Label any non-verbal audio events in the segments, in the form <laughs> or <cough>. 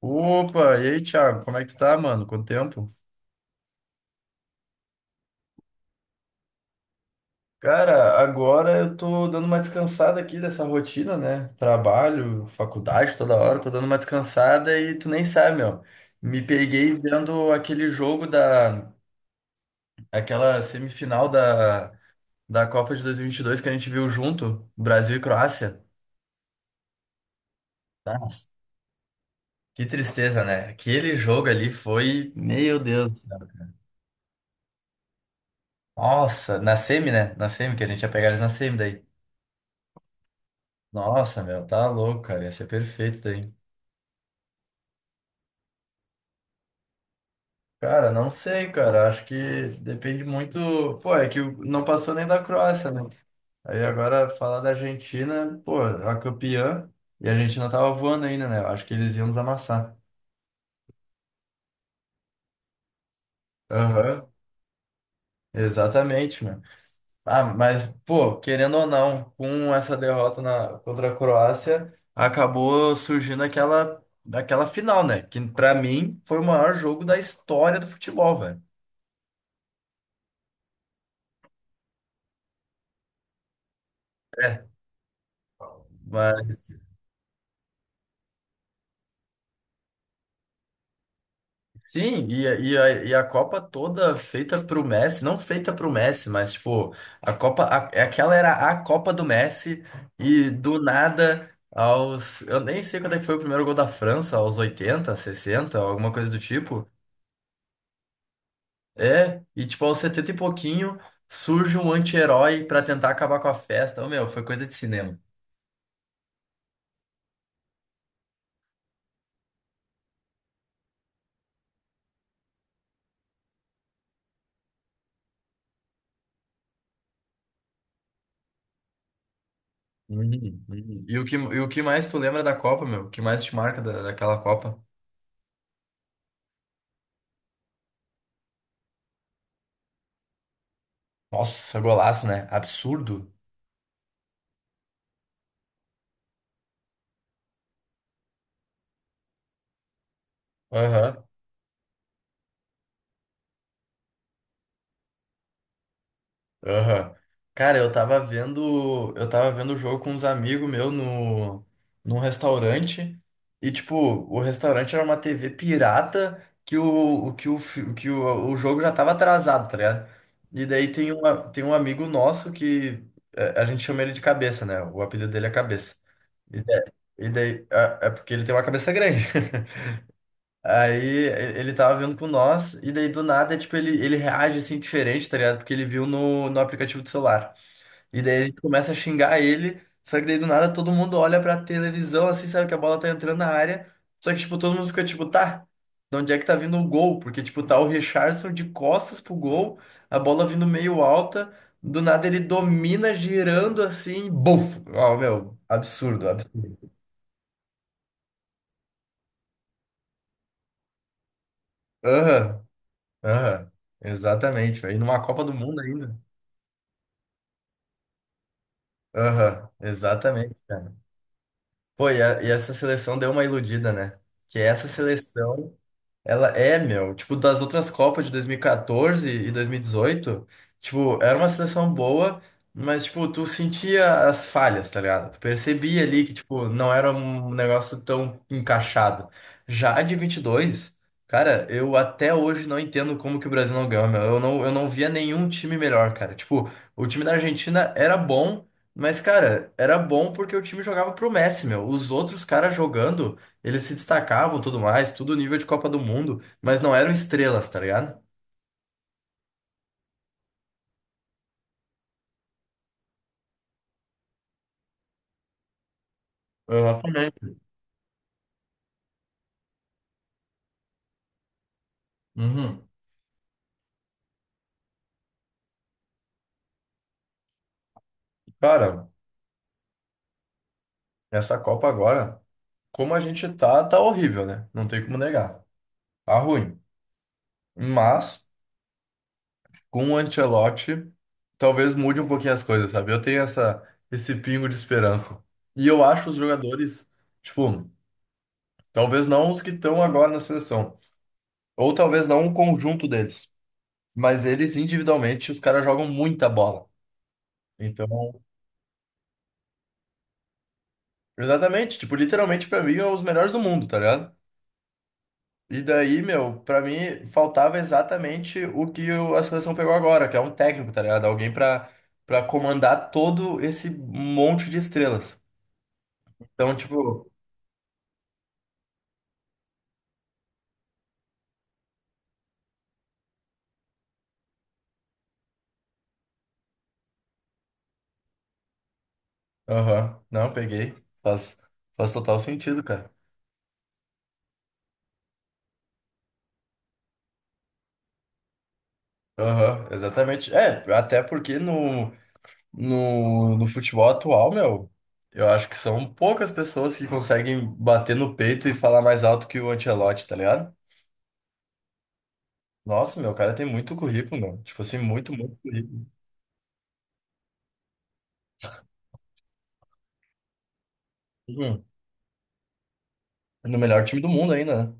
Opa, e aí, Thiago, como é que tu tá, mano? Quanto tempo? Cara, agora eu tô dando uma descansada aqui dessa rotina, né? Trabalho, faculdade toda hora, tô dando uma descansada e tu nem sabe, meu. Me peguei vendo aquela semifinal da Copa de 2022 que a gente viu junto, Brasil e Croácia. Nossa, que tristeza, né? Aquele jogo ali foi. Meu Deus do céu. Nossa, na semi, né? Na semi, que a gente ia pegar eles na semi daí. Nossa, meu, tá louco, cara. Ia ser perfeito isso daí. Cara, não sei, cara. Acho que depende muito. Pô, é que não passou nem da Croácia, né? Aí agora falar da Argentina, pô, a campeã. E a Argentina tava voando ainda, né? Eu acho que eles iam nos amassar. Aham, exatamente, mano. Ah, mas, pô, querendo ou não, com essa derrota na, contra a Croácia, acabou surgindo aquela final, né? Que pra mim foi o maior jogo da história do futebol, velho. mas Sim, e, e a Copa toda feita pro Messi, não feita pro Messi, mas tipo, a Copa, é aquela era a Copa do Messi, e do nada, eu nem sei quando é que foi o primeiro gol da França, aos 80 60 alguma coisa do tipo. É, e tipo, aos 70 e pouquinho, surge um anti-herói pra tentar acabar com a festa. Ô, meu, foi coisa de cinema. Uhum, uhum. E o que mais tu lembra da Copa, meu? O que mais te marca daquela Copa? Nossa, golaço, né? Absurdo. Aham. Cara, eu tava vendo o jogo com uns amigos meus no, num restaurante e tipo, o restaurante era uma TV pirata que o que o, fi- o que o jogo já tava atrasado, tá ligado? E daí tem um amigo nosso que a gente chama ele de Cabeça, né? O apelido dele é Cabeça. E daí, e daí, é porque ele tem uma cabeça grande. <laughs> Aí ele tava vindo com nós, e daí do nada, tipo, ele reage assim diferente, tá ligado? Porque ele viu no aplicativo do celular. E daí a gente começa a xingar ele, só que daí do nada todo mundo olha pra televisão assim, sabe que a bola tá entrando na área. Só que, tipo, todo mundo fica tipo, tá, de onde é que tá vindo o gol? Porque, tipo, tá o Richarlison de costas pro gol, a bola vindo meio alta, do nada ele domina girando assim, buf! Ó, meu, absurdo, absurdo. Aham, aham, exatamente, velho. E numa Copa do Mundo ainda. Aham, exatamente, cara. Pô, e essa seleção deu uma iludida, né? Que essa seleção ela é, meu, tipo, das outras Copas de dois mil e 2018, tipo, era uma seleção boa, mas, tipo, tu sentia as falhas, tá ligado? Tu percebia ali que, tipo, não era um negócio tão encaixado. Já a de 22, cara, eu até hoje não entendo como que o Brasil não ganhou, meu. Eu não via nenhum time melhor, cara. Tipo, o time da Argentina era bom, mas, cara, era bom porque o time jogava pro Messi, meu. Os outros caras jogando. Eles se destacavam, tudo mais, tudo nível de Copa do Mundo, mas não eram estrelas, tá ligado? Exatamente. Uhum. Cara, essa Copa agora, como a gente tá, tá horrível, né? Não tem como negar. Tá ruim. Mas, com o Ancelotti, talvez mude um pouquinho as coisas, sabe? Eu tenho essa, esse pingo de esperança. E eu acho os jogadores, tipo, talvez não os que estão agora na seleção, ou talvez não o conjunto deles, mas eles individualmente, os caras jogam muita bola. Então, exatamente, tipo, literalmente pra mim é os melhores do mundo, tá ligado? E daí, meu, pra mim faltava exatamente o que a seleção pegou agora, que é um técnico, tá ligado? Alguém pra, pra comandar todo esse monte de estrelas. Então, tipo, aham, não, peguei. Faz, faz total sentido, cara. Aham, exatamente. É, até porque no futebol atual, meu, eu acho que são poucas pessoas que conseguem bater no peito e falar mais alto que o Ancelotti, tá ligado? Nossa, meu, o cara tem muito currículo, meu. Tipo assim, muito, muito currículo. Uhum. No melhor time do mundo ainda, né?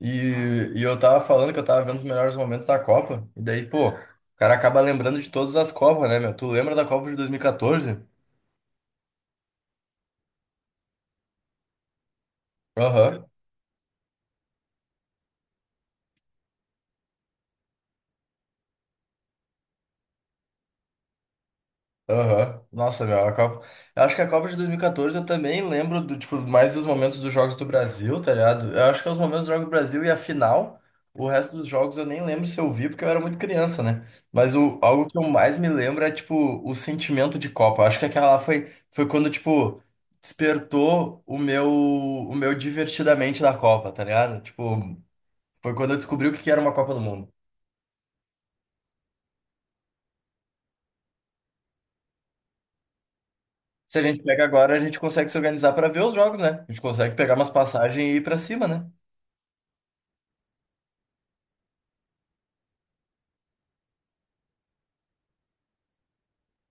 E eu tava falando que eu tava vendo os melhores momentos da Copa. E daí, pô, o cara acaba lembrando de todas as Copas, né, meu? Tu lembra da Copa de 2014? Aham. Aham. Nossa, meu, a Copa. Eu acho que a Copa de 2014 eu também lembro do, tipo, mais dos momentos dos jogos do Brasil, tá ligado? Eu acho que é os momentos dos jogos do Brasil e a final. O resto dos jogos eu nem lembro se eu vi, porque eu era muito criança, né? Mas o, algo que eu mais me lembro é, tipo, o sentimento de Copa. Eu acho que aquela lá foi quando, tipo, despertou o meu divertidamente da Copa, tá ligado? Tipo, foi quando eu descobri o que que era uma Copa do Mundo. Se a gente pega agora, a gente consegue se organizar para ver os jogos, né? A gente consegue pegar umas passagens e ir para cima, né?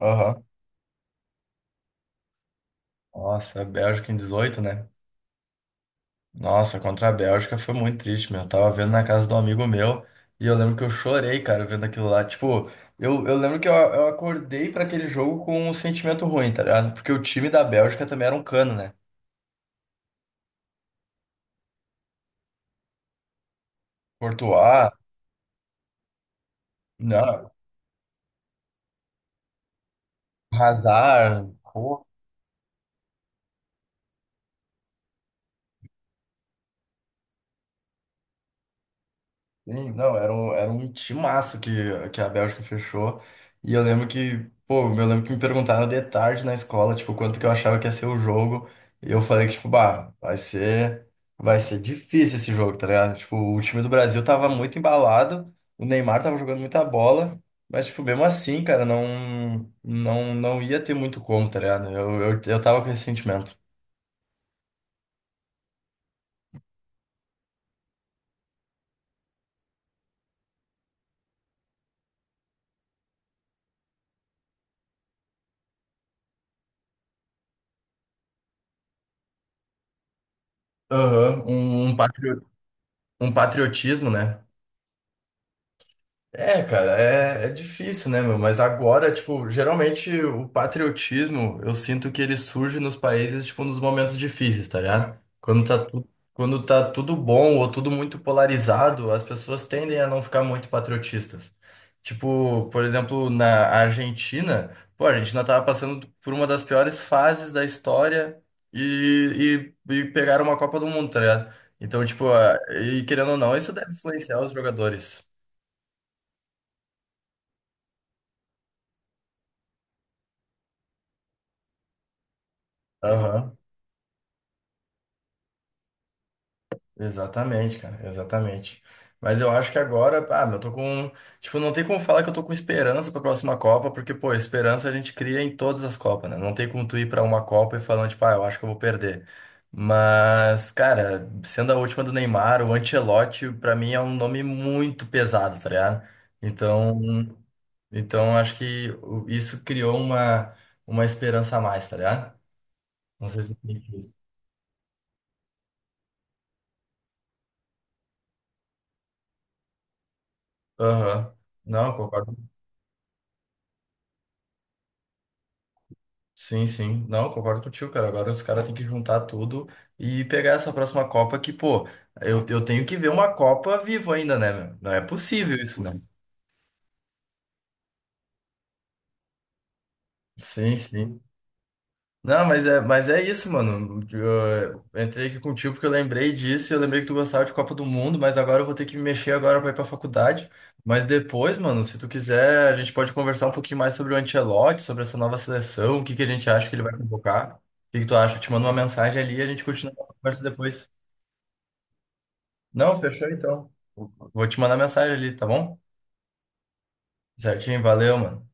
Aham. Nossa, a Bélgica em 18, né? Nossa, contra a Bélgica foi muito triste, meu. Eu tava vendo na casa de um amigo meu e eu lembro que eu chorei, cara, vendo aquilo lá. Tipo, eu lembro que eu acordei pra aquele jogo com um sentimento ruim, tá ligado? Porque o time da Bélgica também era um cano, né? Courtois, não, Hazard. Sim, não, era um timaço que a Bélgica fechou. E eu lembro que, pô, eu lembro que me perguntaram de tarde na escola, tipo, quanto que eu achava que ia ser o jogo. E eu falei que, tipo, bah, vai ser difícil esse jogo, tá ligado? Tipo, o time do Brasil tava muito embalado, o Neymar tava jogando muita bola, mas, tipo, mesmo assim, cara, não, não, não ia ter muito como, tá ligado? Eu tava com esse sentimento. Aham, um patriotismo, né? É, cara, é difícil, né, meu? Mas agora, tipo, geralmente o patriotismo, eu sinto que ele surge nos países, tipo, nos momentos difíceis, tá ligado? Quando tá tudo bom ou tudo muito polarizado, as pessoas tendem a não ficar muito patriotistas. Tipo, por exemplo, na Argentina, pô, a Argentina tava passando por uma das piores fases da história e pegaram uma Copa do Mundo, tá ligado? Então, tipo, e querendo ou não, isso deve influenciar os jogadores. Aham. Exatamente, cara, exatamente. Mas eu acho que agora, ah, meu, eu tô com, tipo, não tem como falar que eu tô com esperança pra próxima Copa, porque, pô, esperança a gente cria em todas as Copas, né? Não tem como tu ir pra uma Copa e falando, tipo, ah, eu acho que eu vou perder. Mas, cara, sendo a última do Neymar, o Ancelotti, pra mim é um nome muito pesado, tá ligado? Então, então acho que isso criou uma esperança a mais, tá ligado? Não sei se tem isso. Aham. Não, eu concordo. Sim, sim. Não, concordo contigo, cara. Agora os caras têm que juntar tudo e pegar essa próxima Copa que, pô, eu tenho que ver uma Copa vivo ainda, né, meu? Não é possível isso, né? Sim, sim. Não, mas é, mas é, isso, mano. Eu entrei aqui contigo porque eu lembrei disso, eu lembrei que tu gostava de Copa do Mundo, mas agora eu vou ter que me mexer agora pra ir pra faculdade. Mas depois, mano, se tu quiser, a gente pode conversar um pouquinho mais sobre o Ancelotti, sobre essa nova seleção, o que que a gente acha que ele vai convocar. O que que tu acha? Eu te mando uma mensagem ali e a gente continua a conversa depois. Não, fechou então. Vou te mandar mensagem ali, tá bom? Certinho, valeu, mano.